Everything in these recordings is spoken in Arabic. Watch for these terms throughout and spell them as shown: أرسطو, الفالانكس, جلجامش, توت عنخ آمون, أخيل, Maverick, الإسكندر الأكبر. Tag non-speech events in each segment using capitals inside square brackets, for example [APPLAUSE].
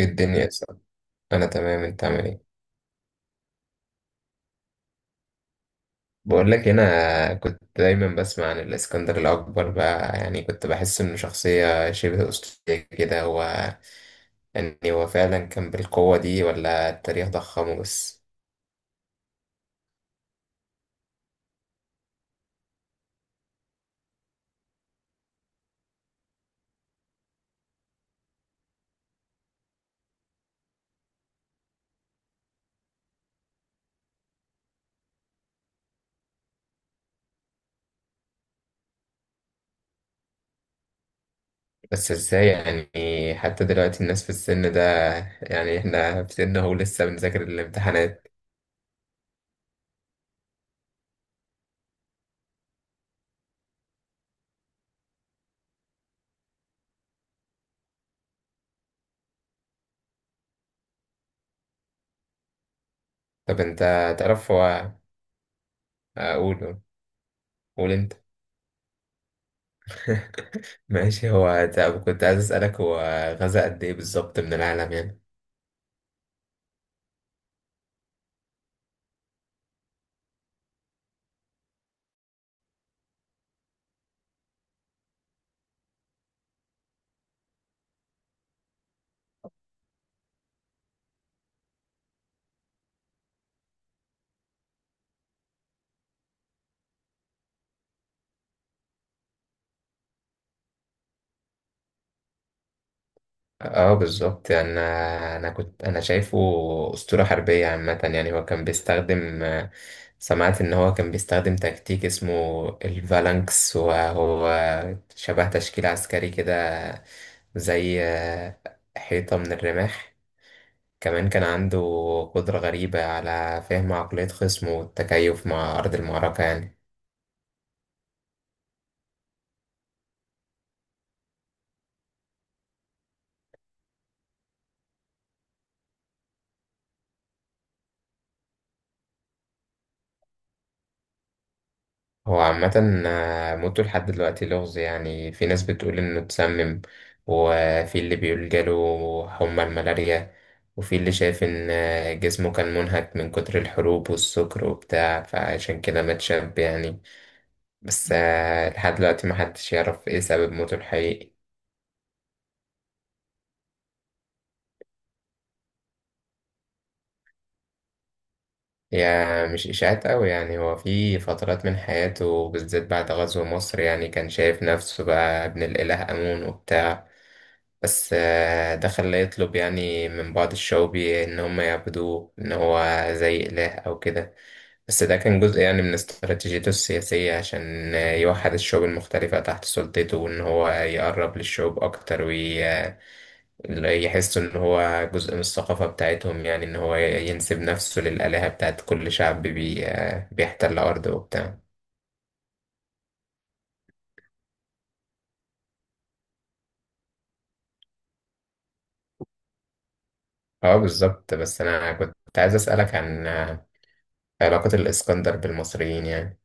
إيه الدنيا يا صاحبي؟ انا تمام، انت عامل ايه؟ بقول لك، انا كنت دايما بسمع عن الاسكندر الاكبر بقى، يعني كنت بحس انه شخصيه شبه اسطوريه كده. هو يعني هو فعلا كان بالقوه دي ولا التاريخ ضخمه بس؟ بس ازاي يعني؟ حتى دلوقتي الناس في السن ده، يعني احنا في سن اهو لسه بنذاكر الامتحانات. طب انت تعرف هو. اقوله. قول انت. [LAUGHS] ماشي، هو طب كنت عايز اسالك، هو غزا قد ايه بالظبط من العالم يعني؟ اه بالظبط. يعني انا كنت انا شايفه اسطوره حربيه عامه، يعني هو كان بيستخدم، سمعت ان هو كان بيستخدم تكتيك اسمه الفالانكس، وهو شبه تشكيل عسكري كده، زي حيطه من الرماح. كمان كان عنده قدره غريبه على فهم عقليه خصمه والتكيف مع ارض المعركه يعني. هو عامة موته لحد دلوقتي لغز. يعني في ناس بتقول إنه اتسمم، وفي اللي بيقول جاله حمى الملاريا، وفي اللي شايف إن جسمه كان منهك من كتر الحروب والسكر وبتاع، فعشان كده مات شاب يعني. بس لحد دلوقتي محدش يعرف إيه سبب موته الحقيقي. هي مش إشاعات أوي يعني. هو في فترات من حياته، بالذات بعد غزو مصر، يعني كان شايف نفسه بقى ابن الإله آمون وبتاع. بس ده خلاه يطلب يعني من بعض الشعوبي إن هم يعبدوه، إن هو زي إله أو كده. بس ده كان جزء يعني من استراتيجيته السياسية، عشان يوحد الشعوب المختلفة تحت سلطته، وإن هو يقرب للشعوب أكتر ويحسوا إن هو جزء من الثقافة بتاعتهم، يعني إن هو ينسب نفسه للآلهة بتاعت كل شعب بي... آه، بيحتل أرضه وبتاع. اه بالظبط. بس أنا كنت عايز أسألك عن علاقة الإسكندر بالمصريين يعني.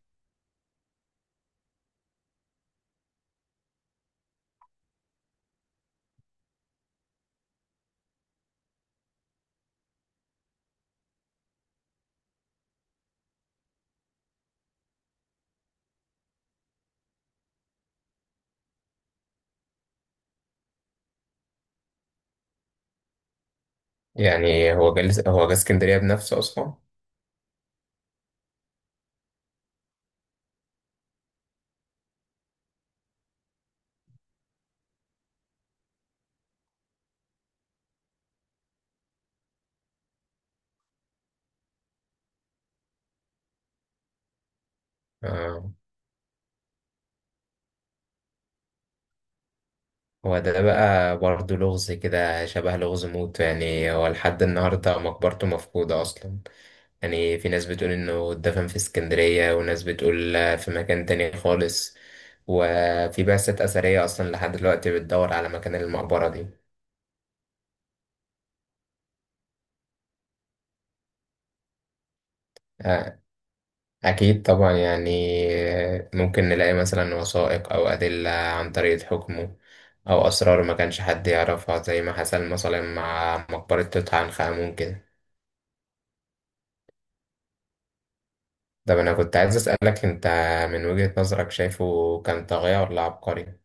يعني هو جالس، هو جه اسكندرية بنفسه أصلا؟ آه. هو ده بقى برضه لغز كده، شبه لغز موت يعني. هو لحد النهاردة مقبرته مفقودة أصلا، يعني في ناس بتقول إنه اتدفن في اسكندرية، وناس بتقول في مكان تاني خالص، وفي بعثات أثرية أصلا لحد دلوقتي بتدور على مكان المقبرة دي. آه، أكيد طبعا يعني، ممكن نلاقي مثلا وثائق أو أدلة عن طريقة حكمه، أو أسرار ما كانش حد يعرفها، زي ما حصل مثلا مع مقبرة توت عنخ آمون كده. طب أنا كنت عايز أسألك، أنت من وجهة نظرك شايفه كان طاغية ولا عبقري؟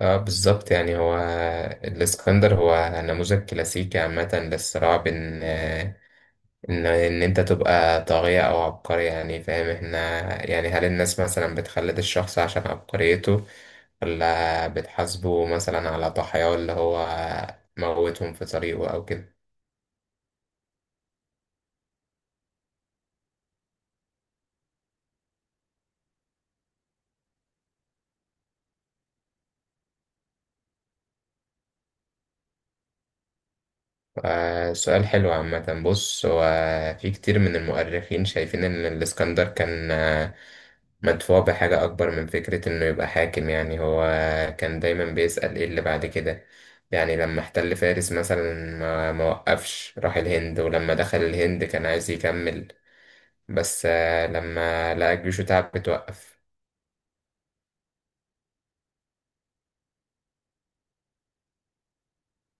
اه بالظبط. يعني هو الإسكندر هو نموذج كلاسيكي عامة للصراع بين آه، ان انت تبقى طاغية او عبقري، يعني فاهم؟ احنا يعني هل الناس مثلا بتخلد الشخص عشان عبقريته، ولا بتحاسبه مثلا على ضحاياه اللي هو موتهم في طريقه او كده؟ سؤال حلو عامة. بص، هو في كتير من المؤرخين شايفين ان الاسكندر كان مدفوع بحاجة أكبر من فكرة إنه يبقى حاكم يعني. هو كان دايما بيسأل إيه اللي بعد كده. يعني لما احتل فارس مثلا ما وقفش، راح الهند، ولما دخل الهند كان عايز يكمل، بس لما لقى جيشه تعب بتوقف.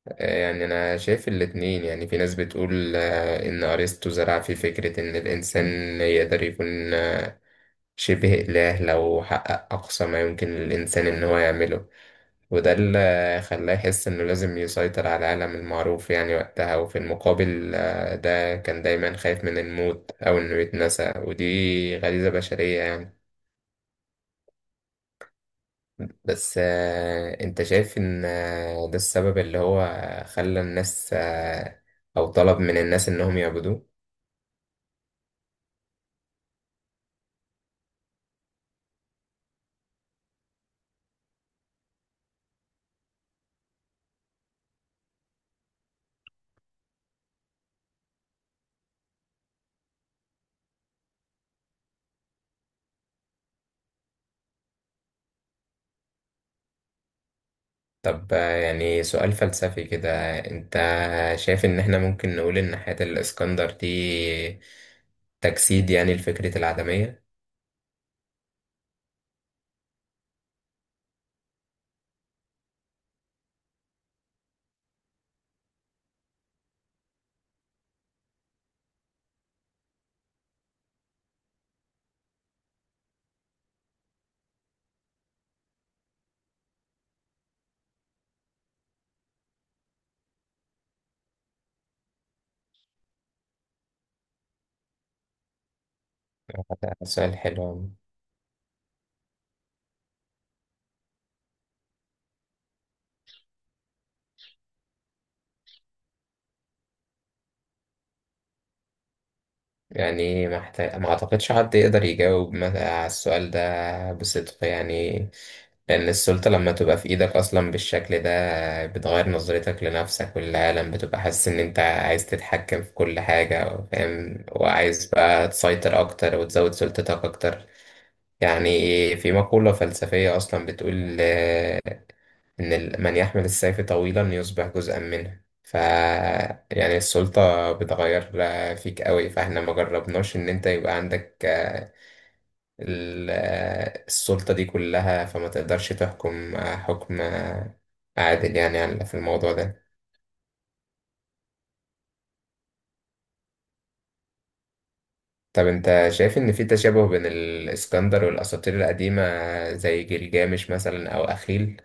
يعني أنا شايف الاتنين. يعني في ناس بتقول إن أرسطو زرع في فكرة إن الإنسان يقدر يكون شبه إله لو حقق أقصى ما يمكن للإنسان إن هو يعمله، وده اللي خلاه يحس إنه لازم يسيطر على العالم المعروف يعني وقتها. وفي المقابل ده كان دايما خايف من الموت أو إنه يتنسى، ودي غريزة بشرية يعني. بس أنت شايف إن ده السبب اللي هو خلى الناس أو طلب من الناس إنهم يعبدوه؟ طب يعني سؤال فلسفي كده، أنت شايف إن إحنا ممكن نقول إن حياة الإسكندر دي تجسيد يعني لفكرة العدمية؟ [LAUGHS] سؤال حلو. يعني ما اعتقدش حد يقدر يجاوب على السؤال ده بصدق يعني. لان السلطة لما تبقى في ايدك اصلا بالشكل ده بتغير نظرتك لنفسك وللعالم، بتبقى حاسس ان انت عايز تتحكم في كل حاجة، فاهم؟ وعايز بقى تسيطر اكتر وتزود سلطتك اكتر. يعني في مقولة فلسفية اصلا بتقول إن من يحمل السيف طويلا يصبح جزءا منه، ف يعني السلطة بتغير فيك قوي. فاحنا ما جربناش إن أنت يبقى عندك السلطة دي كلها، فما تقدرش تحكم حكم عادل يعني في الموضوع ده. طب أنت شايف إن في تشابه بين الإسكندر والأساطير القديمة، زي جلجامش مثلا أو أخيل؟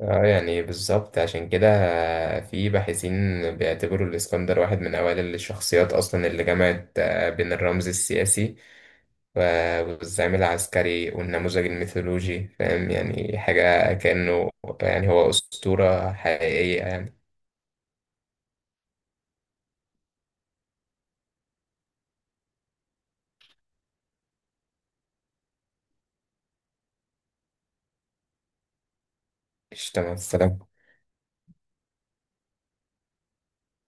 اه يعني بالظبط. عشان كده في باحثين بيعتبروا الإسكندر واحد من أوائل الشخصيات أصلا اللي جمعت بين الرمز السياسي والزعيم العسكري والنموذج الميثولوجي، فاهم يعني؟ حاجة كأنه يعني هو أسطورة حقيقية يعني. اشتغل.